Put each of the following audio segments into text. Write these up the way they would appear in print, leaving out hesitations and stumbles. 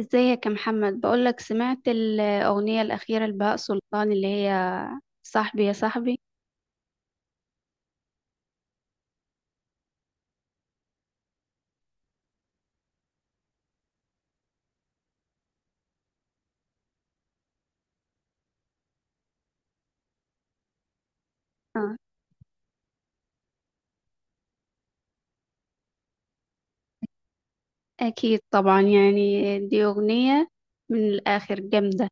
ازيك يا محمد، بقولك سمعت الأغنية الأخيرة لبهاء سلطان اللي هي صاحبي يا صاحبي. آه. أكيد طبعا، يعني دي أغنية من الآخر جامدة.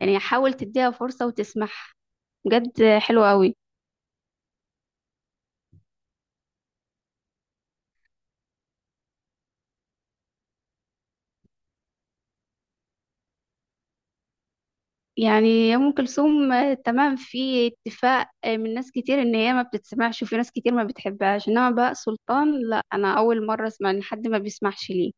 يعني حاول تديها فرصة وتسمعها، بجد حلوة قوي. يعني أم كلثوم آه، تمام، في اتفاق آه، من ناس كتير إن هي ما بتتسمعش، وفي ناس كتير ما بتحبهاش، إنما بهاء سلطان لا، أنا أول مرة أسمع إن حد ما بيسمعش ليه.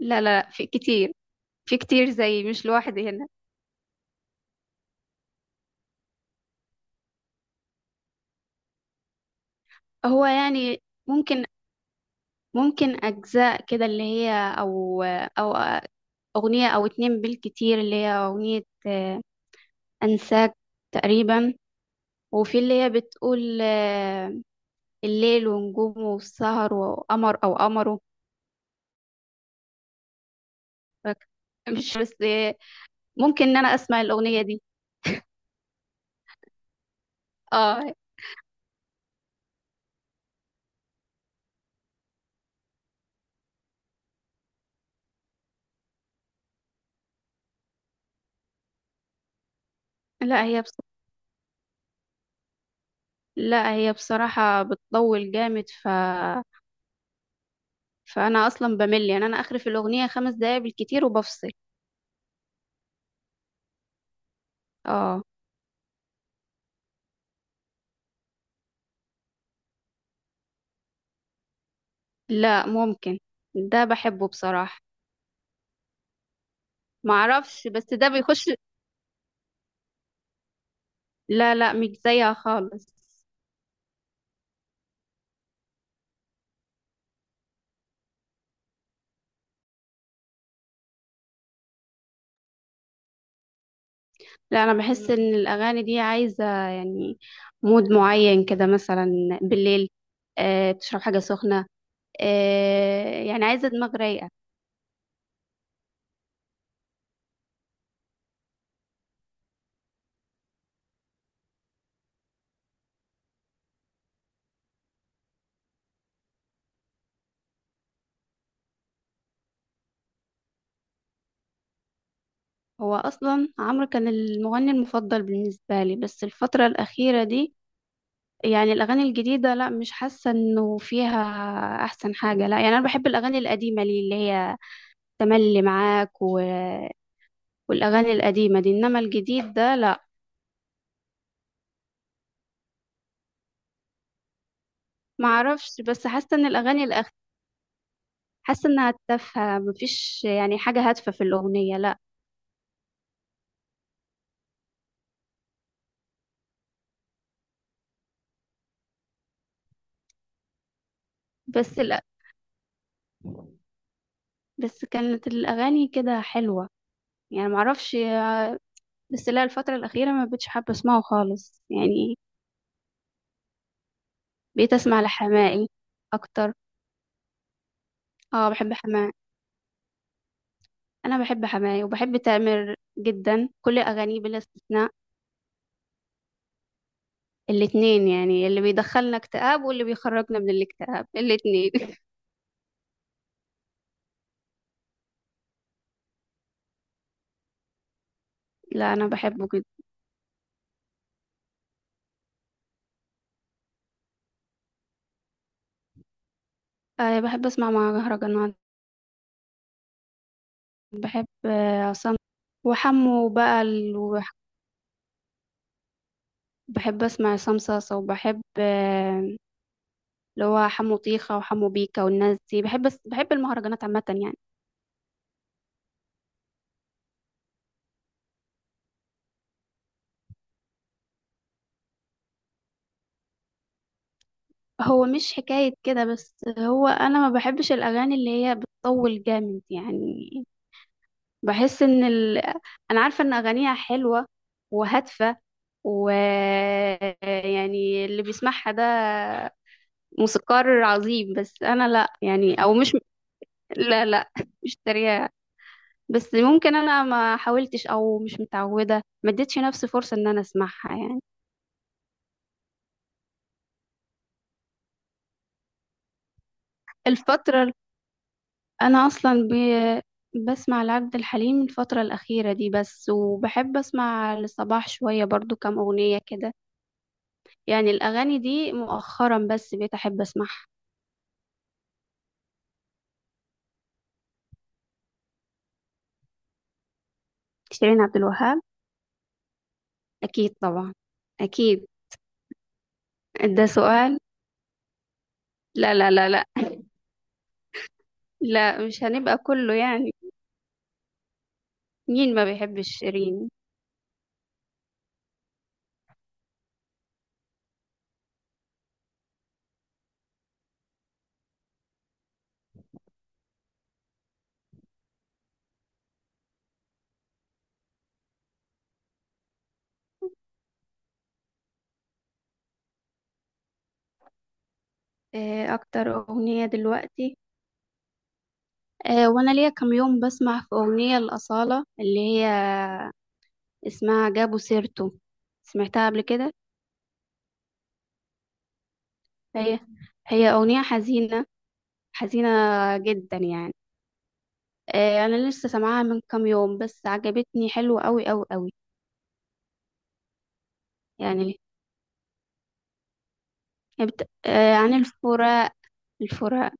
لا لا لا، في كتير. في كتير، زي مش لوحدي هنا. هو يعني ممكن ممكن أجزاء كده اللي هي، أو أو أغنية أو اتنين بالكتير، اللي هي أغنية آه، أنساك تقريبا. وفي اللي هي بتقول آه، الليل ونجومه والسهر وقمر أو قمره. فاك- مش بس آه، ممكن إن أنا أسمع الأغنية دي. اه. لا هي بص... لا هي بصراحة بتطول جامد فأنا أصلا بمل، يعني أنا آخري في الأغنية 5 دقايق بالكتير وبفصل. اه. لا ممكن، ده بحبه بصراحة. معرفش بس ده بيخش، لا لا مش زيها خالص. لا انا بحس ان الاغاني دي عايزه يعني مود معين كده مثلا، بالليل، آه تشرب حاجه سخنه، آه يعني عايزه دماغ رايقه. هو اصلا عمرو كان المغني المفضل بالنسبه لي، بس الفتره الاخيره دي يعني الاغاني الجديده لا، مش حاسه انه فيها احسن حاجه. لا يعني انا بحب الاغاني القديمه لي اللي هي تملي معاك والاغاني القديمه دي، انما الجديد ده لا. معرفش، بس حاسه ان حاسه انها تافهه، مفيش يعني حاجه هادفه في الاغنيه. لا بس كانت الاغاني كده حلوه، يعني معرفش. بس لا، الفتره الاخيره ما بقتش حابه اسمعه خالص يعني. بقيت اسمع لحماقي اكتر. اه بحب حماقي. انا بحب حماقي وبحب تامر جدا، كل اغانيه بلا استثناء. الاتنين، يعني اللي بيدخلنا اكتئاب واللي بيخرجنا من الاكتئاب، الاتنين. لا انا بحبه جدا. آه بحب اسمع مهرجانات. بحب آه، عصام وحمو بقى ال... وح- بحب اسمع عصام صاصا وبحب آه، اللي هو حمو طيخة وحمو بيكا والناس دي. بحب المهرجانات عامة يعني. هو مش حكاية كده، بس هو انا ما بحبش الاغاني اللي هي بتطول جامد يعني. بحس ان ال... انا عارفة ان اغانيها حلوة وهادفة، و يعني اللي بيسمعها ده موسيقار عظيم، بس انا لا يعني او مش. لا لا. مش تريقة. بس ممكن انا ما حاولتش او مش متعوده، ما اديتش نفسي فرصه ان انا اسمعها يعني. الفتره ال- انا اصلا ب... بسمع لعبد الحليم الفتره الاخيره دي بس. وبحب اسمع لصباح شويه برضو، كام اغنيه كده يعني. الاغاني دي مؤخرا بس بقيت احب اسمعها. شيرين عبد الوهاب. اكيد طبعا. اكيد. ده سؤال. لا لا لا لا. لا مش هنبقى كله يعني. مين ما بيحبش شيرين. إيه اكتر اغنيه دلوقتي؟ آه، وانا ليا كام يوم بسمع في اغنية الأصالة اللي هي اسمها جابوا سيرته، سمعتها قبل كده. هي هي اغنية حزينة. حزينة جدا يعني. آه، انا لسه سامعاها من كام يوم، بس عجبتني حلوة قوي قوي قوي. يعني آه، عن الفراق. الفراق.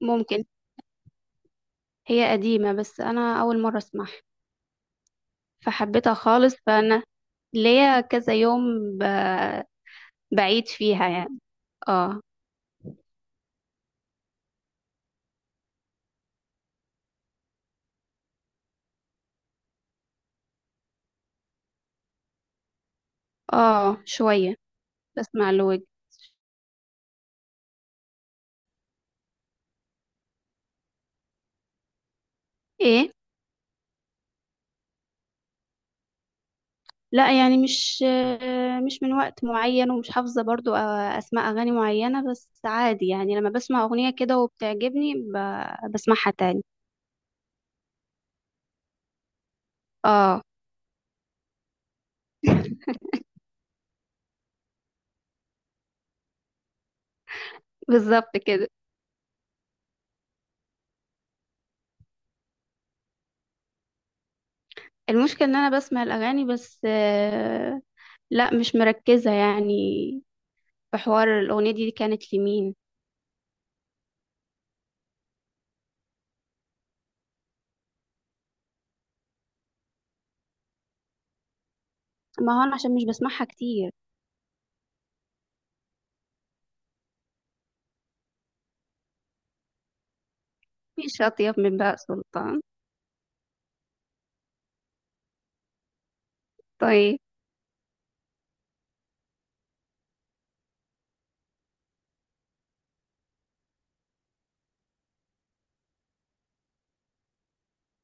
ممكن. هي قديمة بس انا اول مرة اسمعها. فحبيتها خالص فانا ليا كذا يوم ب... بعيد فيها يعني. اه. اه شوية. بسمع لوج. ايه؟ لا يعني مش من وقت معين ومش حافظة برضو آه، أسماء أغاني معينة، بس عادي يعني لما بسمع أغنية كده وبتعجبني بسمعها تاني. اه. بالظبط كده. المشكلة إن أنا بسمع الأغاني بس آه، لا مش مركزة يعني في حوار الأغنية دي كانت لمين. ما هو أنا عشان مش بسمعها كتير. مفيش أطيب من بهاء سلطان. طيب.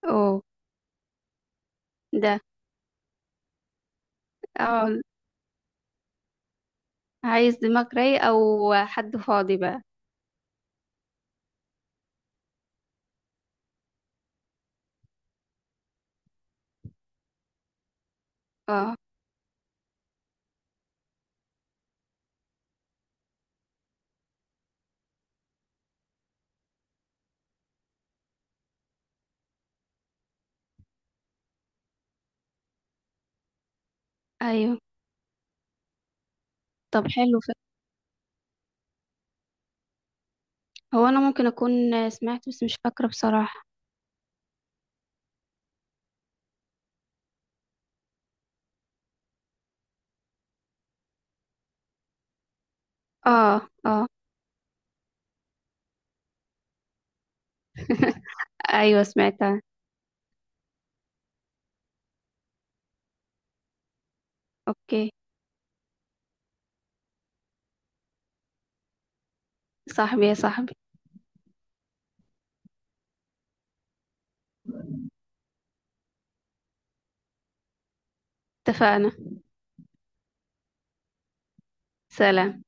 أوه. ده. اه عايز دماغ رايق أو حد فاضي بقى. اه. أيوه. طب حلو. هو انا ممكن اكون سمعت بس مش فاكرة بصراحة. اه. اه. ايوه سمعتها. اوكي. صاحبي يا صاحبي. اتفقنا. سلام.